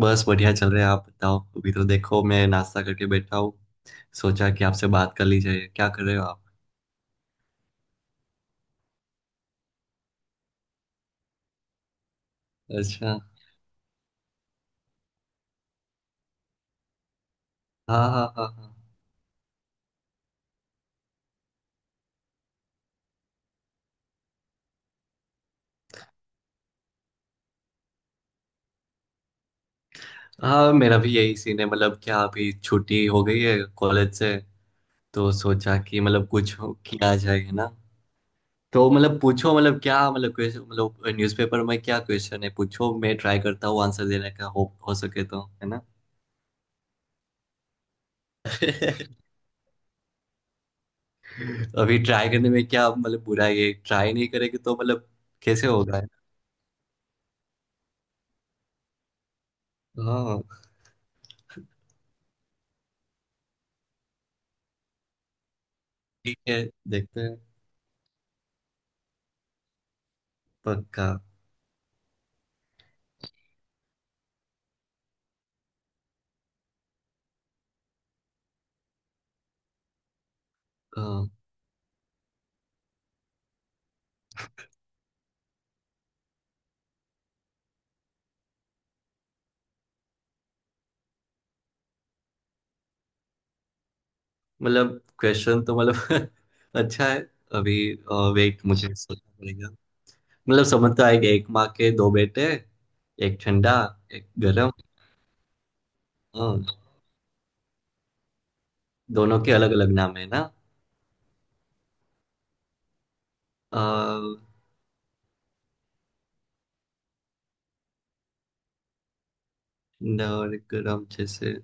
बस बढ़िया चल रहा है। आप बताओ। अभी तो देखो मैं नाश्ता करके बैठा हूँ। सोचा कि आपसे बात कर ली जाए। क्या कर रहे हो आप? अच्छा। हाँ हाँ हाँ। हाँ हाँ मेरा भी यही सीन है। मतलब क्या अभी छुट्टी हो गई है कॉलेज से। तो सोचा कि मतलब किया जाए है ना। तो मतलब पूछो। मतलब क्या मतलब क्वेश्चन मतलब न्यूज़पेपर में क्या क्वेश्चन है, पूछो। मैं ट्राई करता हूँ आंसर देने का, हो सके तो, है ना। अभी ट्राई करने में क्या मतलब बुराई है। ट्राई नहीं करेंगे तो मतलब कैसे होगा, है ना? हाँ। ठीक है। देखते हैं। पक्का। अ, मतलब क्वेश्चन तो मतलब अच्छा है। अभी वेट, मुझे सोचना पड़ेगा। मतलब समझ तो आएगा। एक माँ के दो बेटे, एक ठंडा एक गरम। हाँ, दोनों के अलग अलग नाम है ना। अ, ठंडा और गरम जैसे।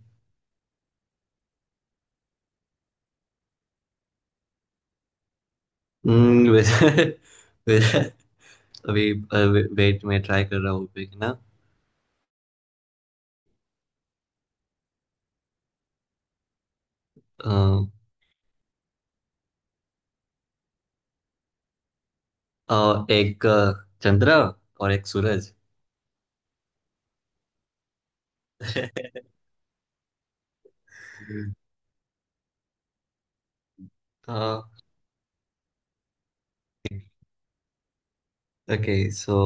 वैसे, वैसे अभी वेट, में ट्राई कर रहा हूँ अभी, है ना। अ, एक चंद्र और एक सूरज। अ, ओके।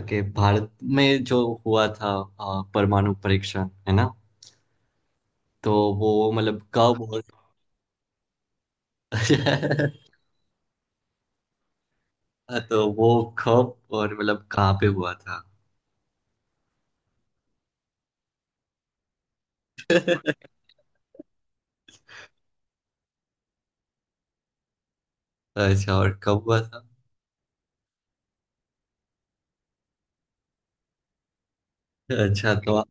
ओके, भारत में जो हुआ था, परमाणु परीक्षण, है ना। तो वो मतलब कब और तो वो कब और मतलब कहाँ पे हुआ था। अच्छा, और कब हुआ था। अच्छा तो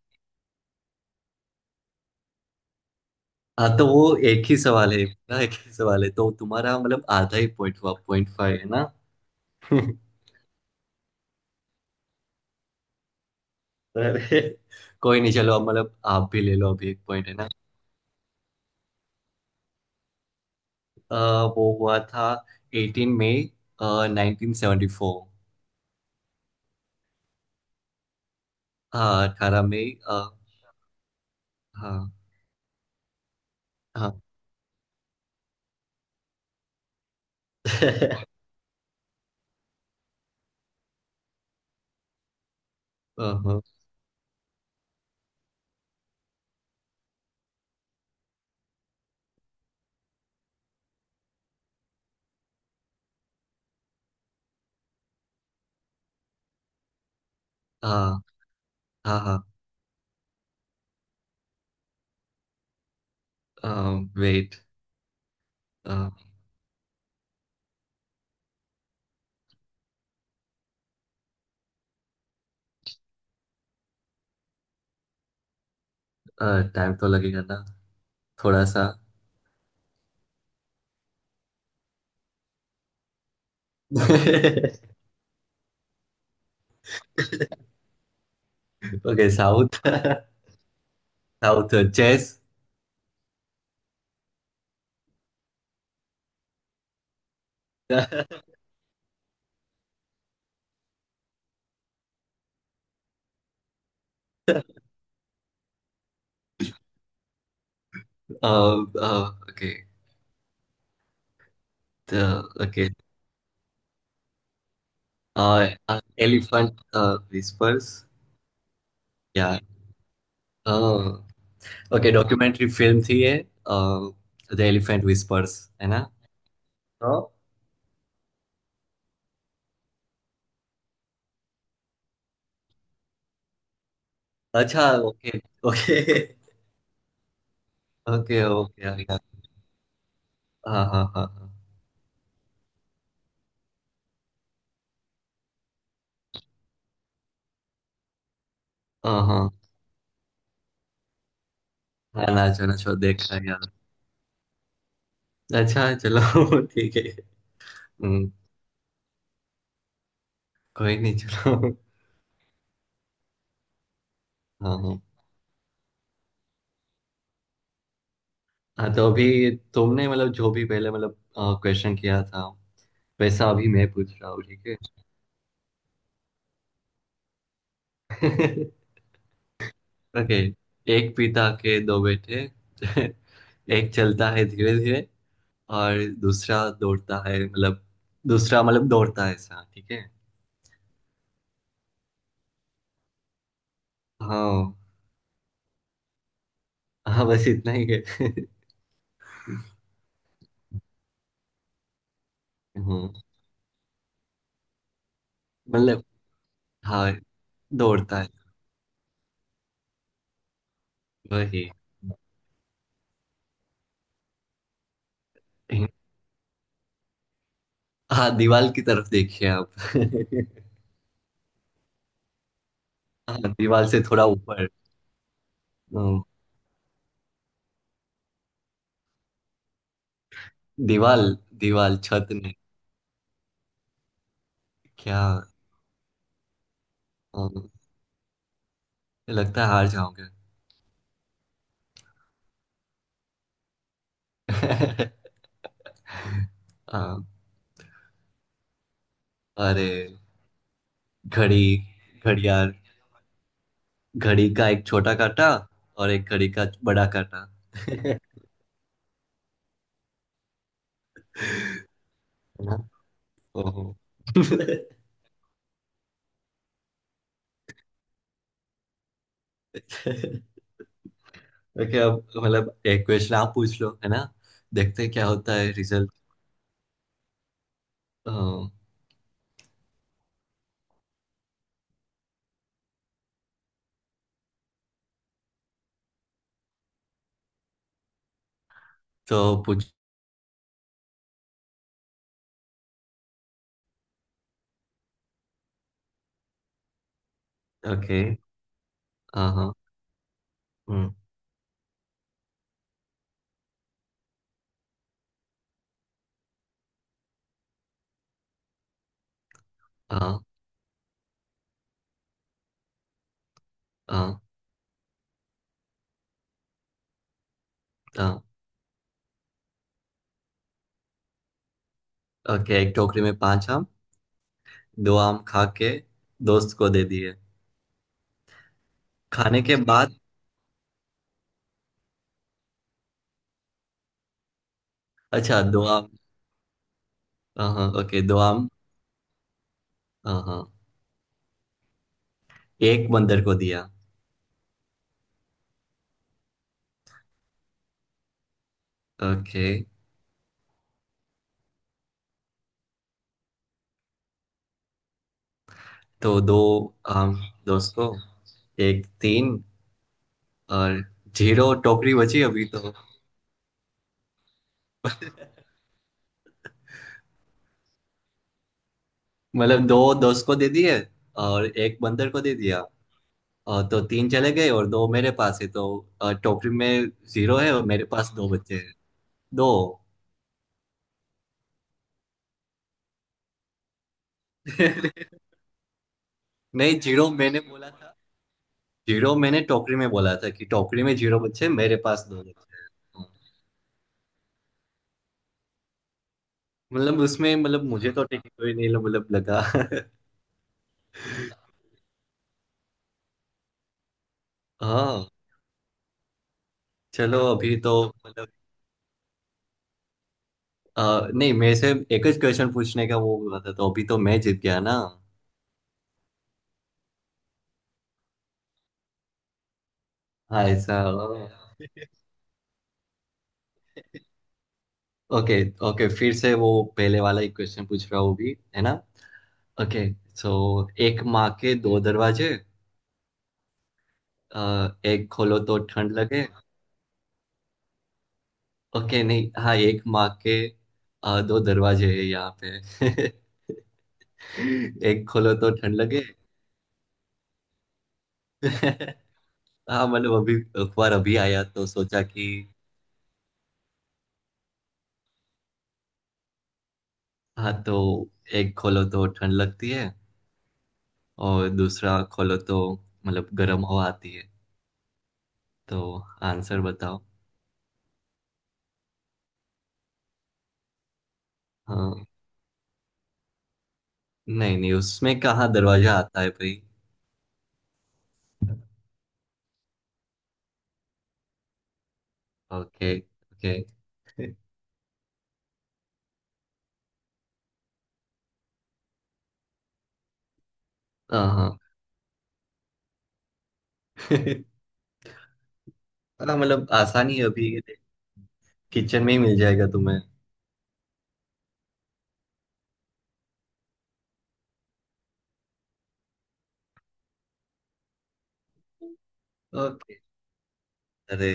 हाँ, तो वो एक ही सवाल है ना। एक ही सवाल है तो तुम्हारा मतलब आधा ही पॉइंट हुआ, 0.5, है ना। अरे कोई नहीं चलो, अब मतलब आप भी ले लो, अभी एक पॉइंट है ना। अ, वो हुआ था 18 मई 1974। हाँ 18 मई, हाँ। हाँ। अहं, हाँ हाँ हाँ। वेट। टाइम तो लगेगा ना थोड़ा सा। Okay, south. South chess. Okay okay. Elephant whispers. या ओके, डॉक्यूमेंट्री फिल्म थी ये। द एलिफेंट विस्पर्स, है ना। हाँ? अच्छा ओके। Okay okay okay. हाँ हाँ हाँ। हाँ हाँ हाँ। हाँ, नाचो नाचो देखा है यार। अच्छा चलो ठीक है। हम्म, कोई नहीं चलो। हाँ हाँ। हाँ तो अभी तुमने मतलब जो भी पहले मतलब क्वेश्चन किया था, वैसा अभी मैं पूछ रहा हूँ ठीक है। ओके। एक पिता के दो बेटे। एक चलता है धीरे धीरे और दूसरा दौड़ता है मतलब। दूसरा मतलब दौड़ता है, ऐसा ठीक है। हाँ। हाँ बस इतना ही है। हम्म, मतलब हाँ दौड़ता है वही। हाँ, दीवाल की तरफ देखिए आप। हाँ दीवाल से थोड़ा ऊपर। अम, दीवाल। दीवाल, छत नहीं। क्या। अम, लगता है हार जाओगे। हाँ। अरे घड़ी। घड़ियाल। घड़ी का एक छोटा काटा और एक घड़ी का बड़ा काटा। है ना। ओहो। ओके, अब मतलब एक क्वेश्चन आप पूछ लो, है ना। देखते हैं क्या होता है रिजल्ट। तो पूछ। ओके। हाँ हाँ। हम्म, हाँ हाँ हाँ। ओके, एक टोकरी में पांच आम। दो आम खा के दोस्त को दे दिए। खाने के बाद। अच्छा दो आम। हाँ हाँ ओके, दो आम। हाँ हाँ, एक बंदर को दिया। ओके। तो दो आम दोस्त को, एक तीन, और जीरो टोकरी बची अभी तो। मतलब दो दोस्त को दे दिए और एक बंदर को दे दिया, और तो तीन चले गए और दो मेरे पास है तो टोकरी में जीरो है और मेरे पास दो बचे हैं। दो। नहीं, जीरो मैंने बोला था। जीरो मैंने टोकरी में बोला था कि टोकरी में जीरो बच्चे हैं, मेरे पास दो बच्चे हैं। मतलब उसमें मतलब मुझे तो ठीक कोई नहीं लग- मतलब लगा। हाँ चलो, अभी तो मतलब नहीं, मेरे से एक ही क्वेश्चन पूछने का वो हुआ था, तो अभी तो मैं जीत गया ना। हाँ ऐसा। ओके। ओके, फिर से वो पहले वाला एक क्वेश्चन पूछ रहा हूँ भी, है ना। ओके। सो एक माँ के दो दरवाजे। अ, एक खोलो तो ठंड लगे। ओके नहीं, हाँ एक माँ के, दो दरवाजे हैं यहाँ पे। एक खोलो तो ठंड लगे। हाँ मतलब अभी अखबार अभी आया तो सोचा कि। हाँ तो एक खोलो तो ठंड लगती है और दूसरा खोलो तो मतलब गर्म हवा आती है। तो आंसर बताओ। हाँ। नहीं नहीं, उसमें कहाँ दरवाजा आता है भाई। Okay okay. हाँ हाँ। हाँ मतलब आसानी है अभी, किचन में ही मिल जाएगा तुम्हें। ओके। अरे।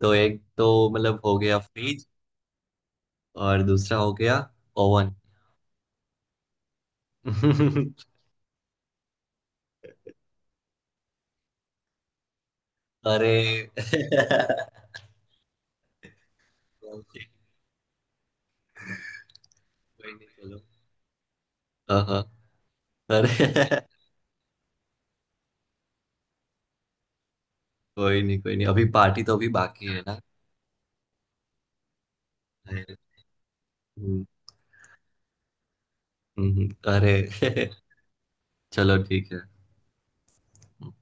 तो एक तो मतलब हो गया फ्रिज, और दूसरा हो गया ओवन। अरे। कोई नहीं चलो। हाँ हाँ। अरे। कोई नहीं कोई नहीं, अभी पार्टी तो अभी बाकी है ना। अरे। हम्म, अरे। चलो ठीक है।